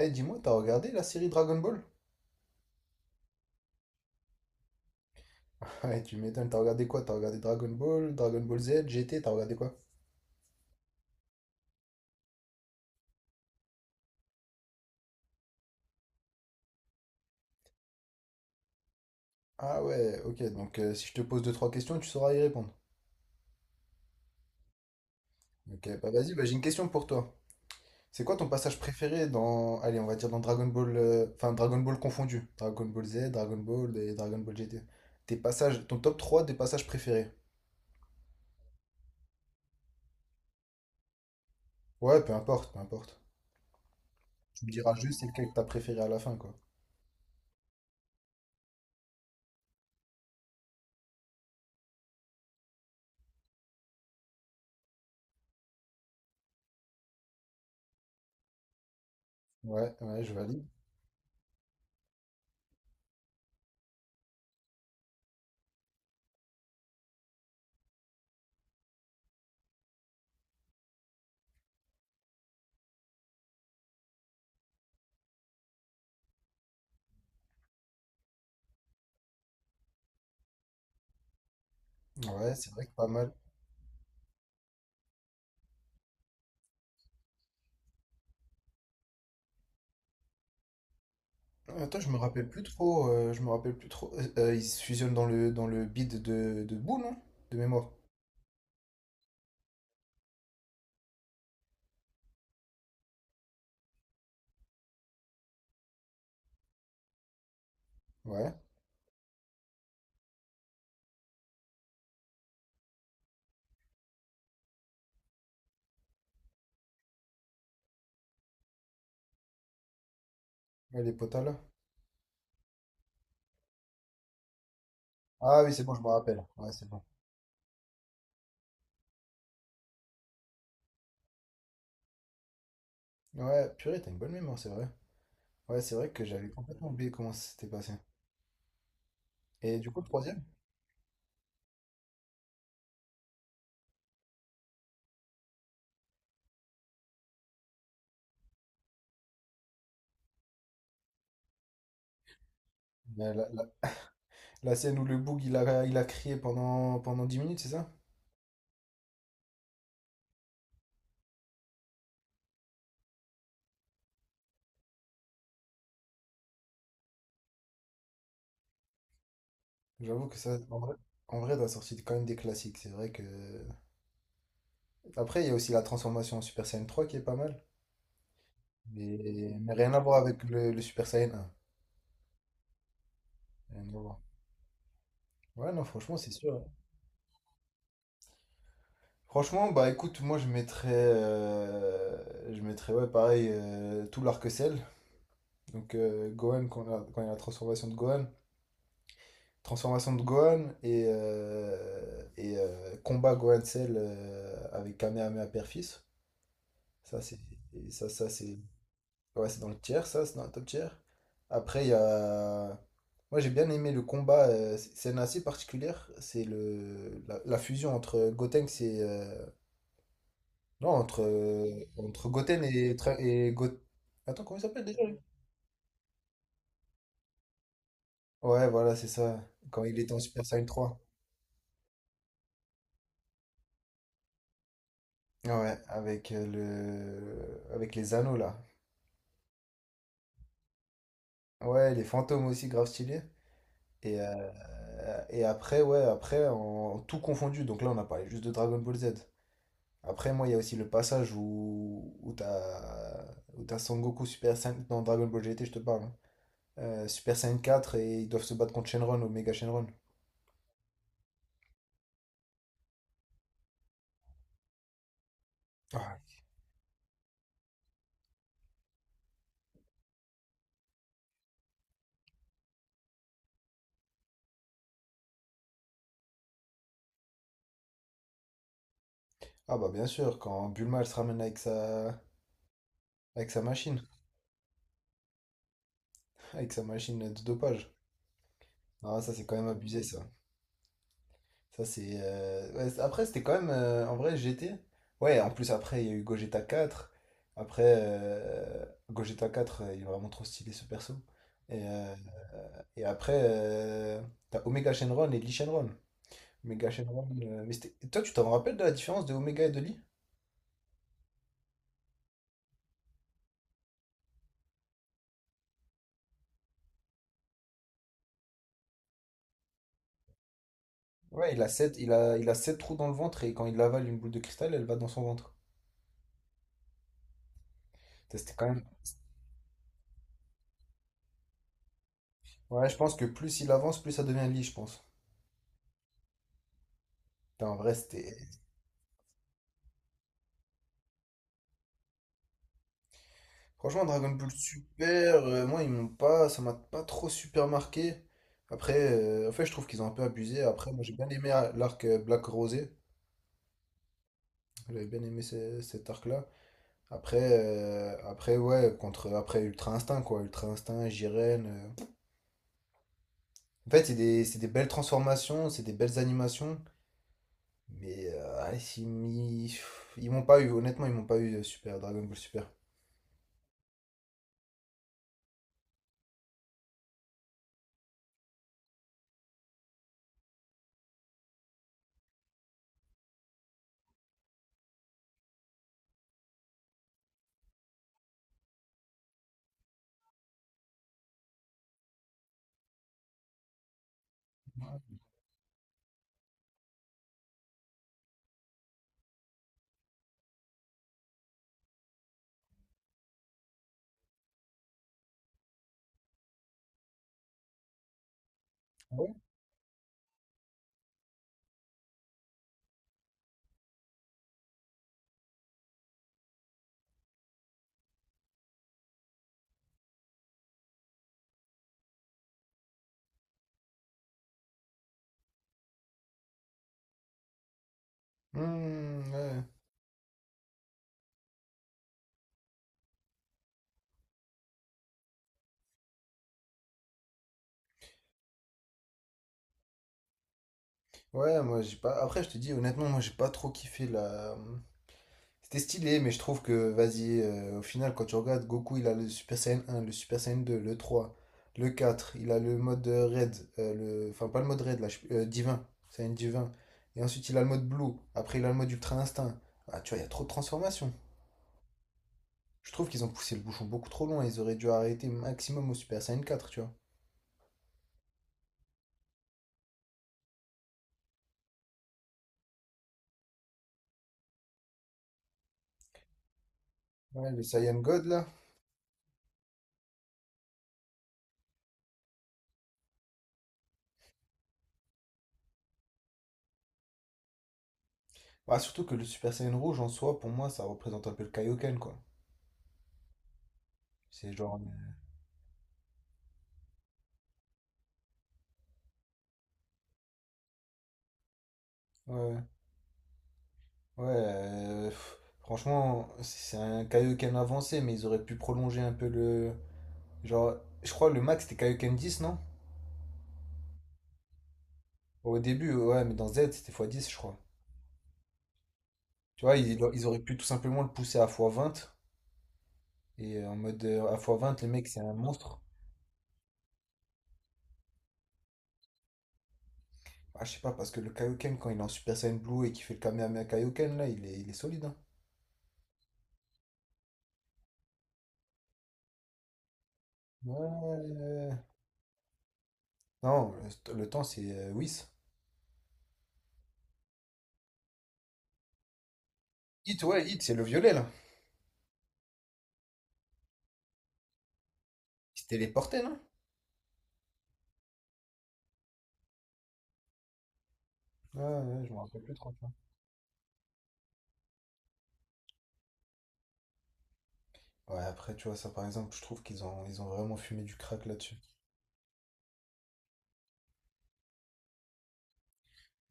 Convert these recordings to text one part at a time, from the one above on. Eh, dis-moi, t'as regardé la série Dragon Ball? Ouais, tu m'étonnes, t'as regardé quoi? T'as regardé Dragon Ball, Dragon Ball Z, GT, t'as regardé quoi? Ah ouais, ok, donc si je te pose deux, trois questions, tu sauras y répondre. Ok, bah vas-y, bah, j'ai une question pour toi. C'est quoi ton passage préféré dans, allez, on va dire dans Dragon Ball, enfin Dragon Ball confondu, Dragon Ball Z, Dragon Ball et Dragon Ball GT. Tes passages, ton top 3 des passages préférés. Ouais, peu importe, peu importe. Tu me diras juste c'est lequel que t'as préféré à la fin, quoi. Ouais, ouais, je valide. Ouais, c'est vrai que pas mal. Attends, je me rappelle plus trop. Je me rappelle plus trop. Ils se fusionnent dans le bid de boue, non? De mémoire. Ouais. Ouais, les potas là. Ah oui, c'est bon, je me rappelle. Ouais, c'est bon. Ouais, purée, t'as une bonne mémoire, c'est vrai. Ouais, c'est vrai que j'avais complètement oublié comment ça s'était passé. Et du coup, le troisième? La la- scène où le boug il a crié pendant 10 minutes, c'est ça? J'avoue que ça, en vrai, t'as sorti quand même des classiques. C'est vrai que. Après, il y a aussi la transformation en Super Saiyan 3 qui est pas mal. Mais rien à voir avec le Super Saiyan 1. Rien à voir. Ouais, non, franchement, c'est sûr, hein. Franchement, bah écoute, moi je mettrais ouais, pareil, tout l'arc-en-ciel. Donc Gohan, quand il y a la transformation de Gohan et combat Gohan Cell avec Kamehameha Père-Fils. Ça, c'est, et ça c'est, ouais, c'est dans le tiers, ça, c'est dans le top tiers. Après, il y a, moi j'ai bien aimé le combat, c'est une assez particulière, c'est la fusion entre Gotenks et, Non, entre Goten et... Attends, comment il s'appelle déjà, lui? Ouais, voilà, c'est ça. Quand il était en Super Saiyan trois. Ouais, avec les anneaux là. Ouais, les fantômes aussi grave stylés. Et, euh, et après, ouais, après, en tout confondu. Donc là, on a parlé juste de Dragon Ball Z. Après, moi, il y a aussi le passage où t'as Son Goku Super Saiyan dans Dragon Ball GT, je te parle, hein. Super Saiyan 4 et ils doivent se battre contre Shenron, Omega Shenron. Ah. Ah bah bien sûr, quand Bulma elle se ramène avec sa machine, avec sa machine de dopage. Ah ça c'est quand même abusé ça. Ça c'est ouais, après c'était quand même en vrai G T Ouais, en plus après il y a eu Gogeta quatre. Après Gogeta 4 il est vraiment trop stylé ce perso. Et, euh, et après t'as Omega Shenron et Lee Shenron. Omega Shenron mais toi tu t'en rappelles de la différence de Omega et de Lee? Ouais, il a sept trous dans le ventre et quand il avale une boule de cristal, elle va dans son ventre. Ça, c'était quand même. Ouais, je pense que plus il avance, plus ça devient lit, je pense. Putain, en vrai, c'était... Franchement, Dragon Ball Super, moi, ils m'ont pas... Ça m'a pas trop super marqué. Après, en fait, je trouve qu'ils ont un peu abusé. Après, moi, j'ai bien aimé l'arc Black Rosé. J'avais bien aimé cet arc-là. Après, après, ouais, contre... Après, Ultra Instinct, quoi. Ultra Instinct, Jiren... En fait, c'est des belles transformations, c'est des belles animations. Mais ah, ils m'y- ils m'ont pas eu, honnêtement, ils m'ont pas eu Super, Dragon Ball Super. Ah ouais. Hmm, ouais. Ouais, moi j'ai pas. Après, je te dis honnêtement, moi j'ai pas trop kiffé la. C'était stylé, mais je trouve que, vas-y, au final, quand tu regardes, Goku il a le Super Saiyan un le Super Saiyan 2 le 3 le 4 il a le mode Red, le... enfin pas le mode Red, là, Divin, Saiyan Divin. Et ensuite il a le mode Blue, après il a le mode Ultra Instinct. Ah, tu vois, il y a trop de transformations. Je trouve qu'ils ont poussé le bouchon beaucoup trop loin, ils auraient dû arrêter maximum au Super Saiyan 4 tu vois. Ouais, le Saiyan God là. Bah, surtout que le Super Saiyan Rouge en soi, pour moi, ça représente un peu le Kaioken, quoi. C'est genre. Ouais, ouais. Ouais, pff, franchement, c'est un Kaioken avancé, mais ils auraient pu prolonger un peu le. Genre, je crois le max c'était Kaioken 10, non? Au début, ouais, mais dans Z c'était fois 10 je crois. Tu vois, ils auraient pu tout simplement le pousser à fois 20 et en mode à fois 20 les mecs, c'est un monstre. Ah, je sais pas, parce que le Kaioken, quand il est en Super Saiyan Blue et qu'il fait le Kamehameha Kaioken, là, il est solide, hein. Ouais. Non, le temps c'est Whis. Hit, ouais, Hit, c'est le violet, là. Il se téléportait, non? Ouais, ouais, je me rappelle plus trop. Ouais, après, tu vois, ça par exemple, je trouve qu'ils ont vraiment fumé du crack là-dessus.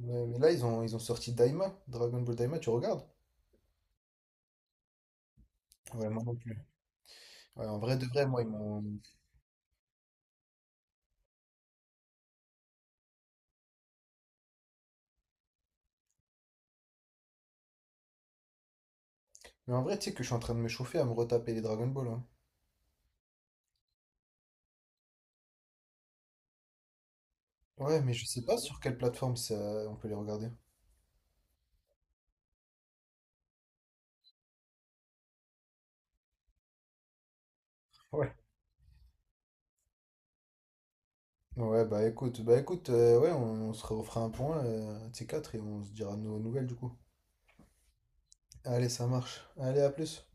Ouais, mais là, ils ont sorti Daima, Dragon Ball Daima, tu regardes? Ouais, moi non plus. Ouais, en vrai de vrai, moi, ils m'ont. Mais en vrai, tu sais que je suis en train de me chauffer à me retaper les Dragon Ball, hein. Ouais, mais je sais pas sur quelle plateforme ça... on peut les regarder. Ouais. Ouais, bah écoute, ouais, on se refera un point, T4, et on se dira nos nouvelles du coup. Allez, ça marche. Allez, à plus.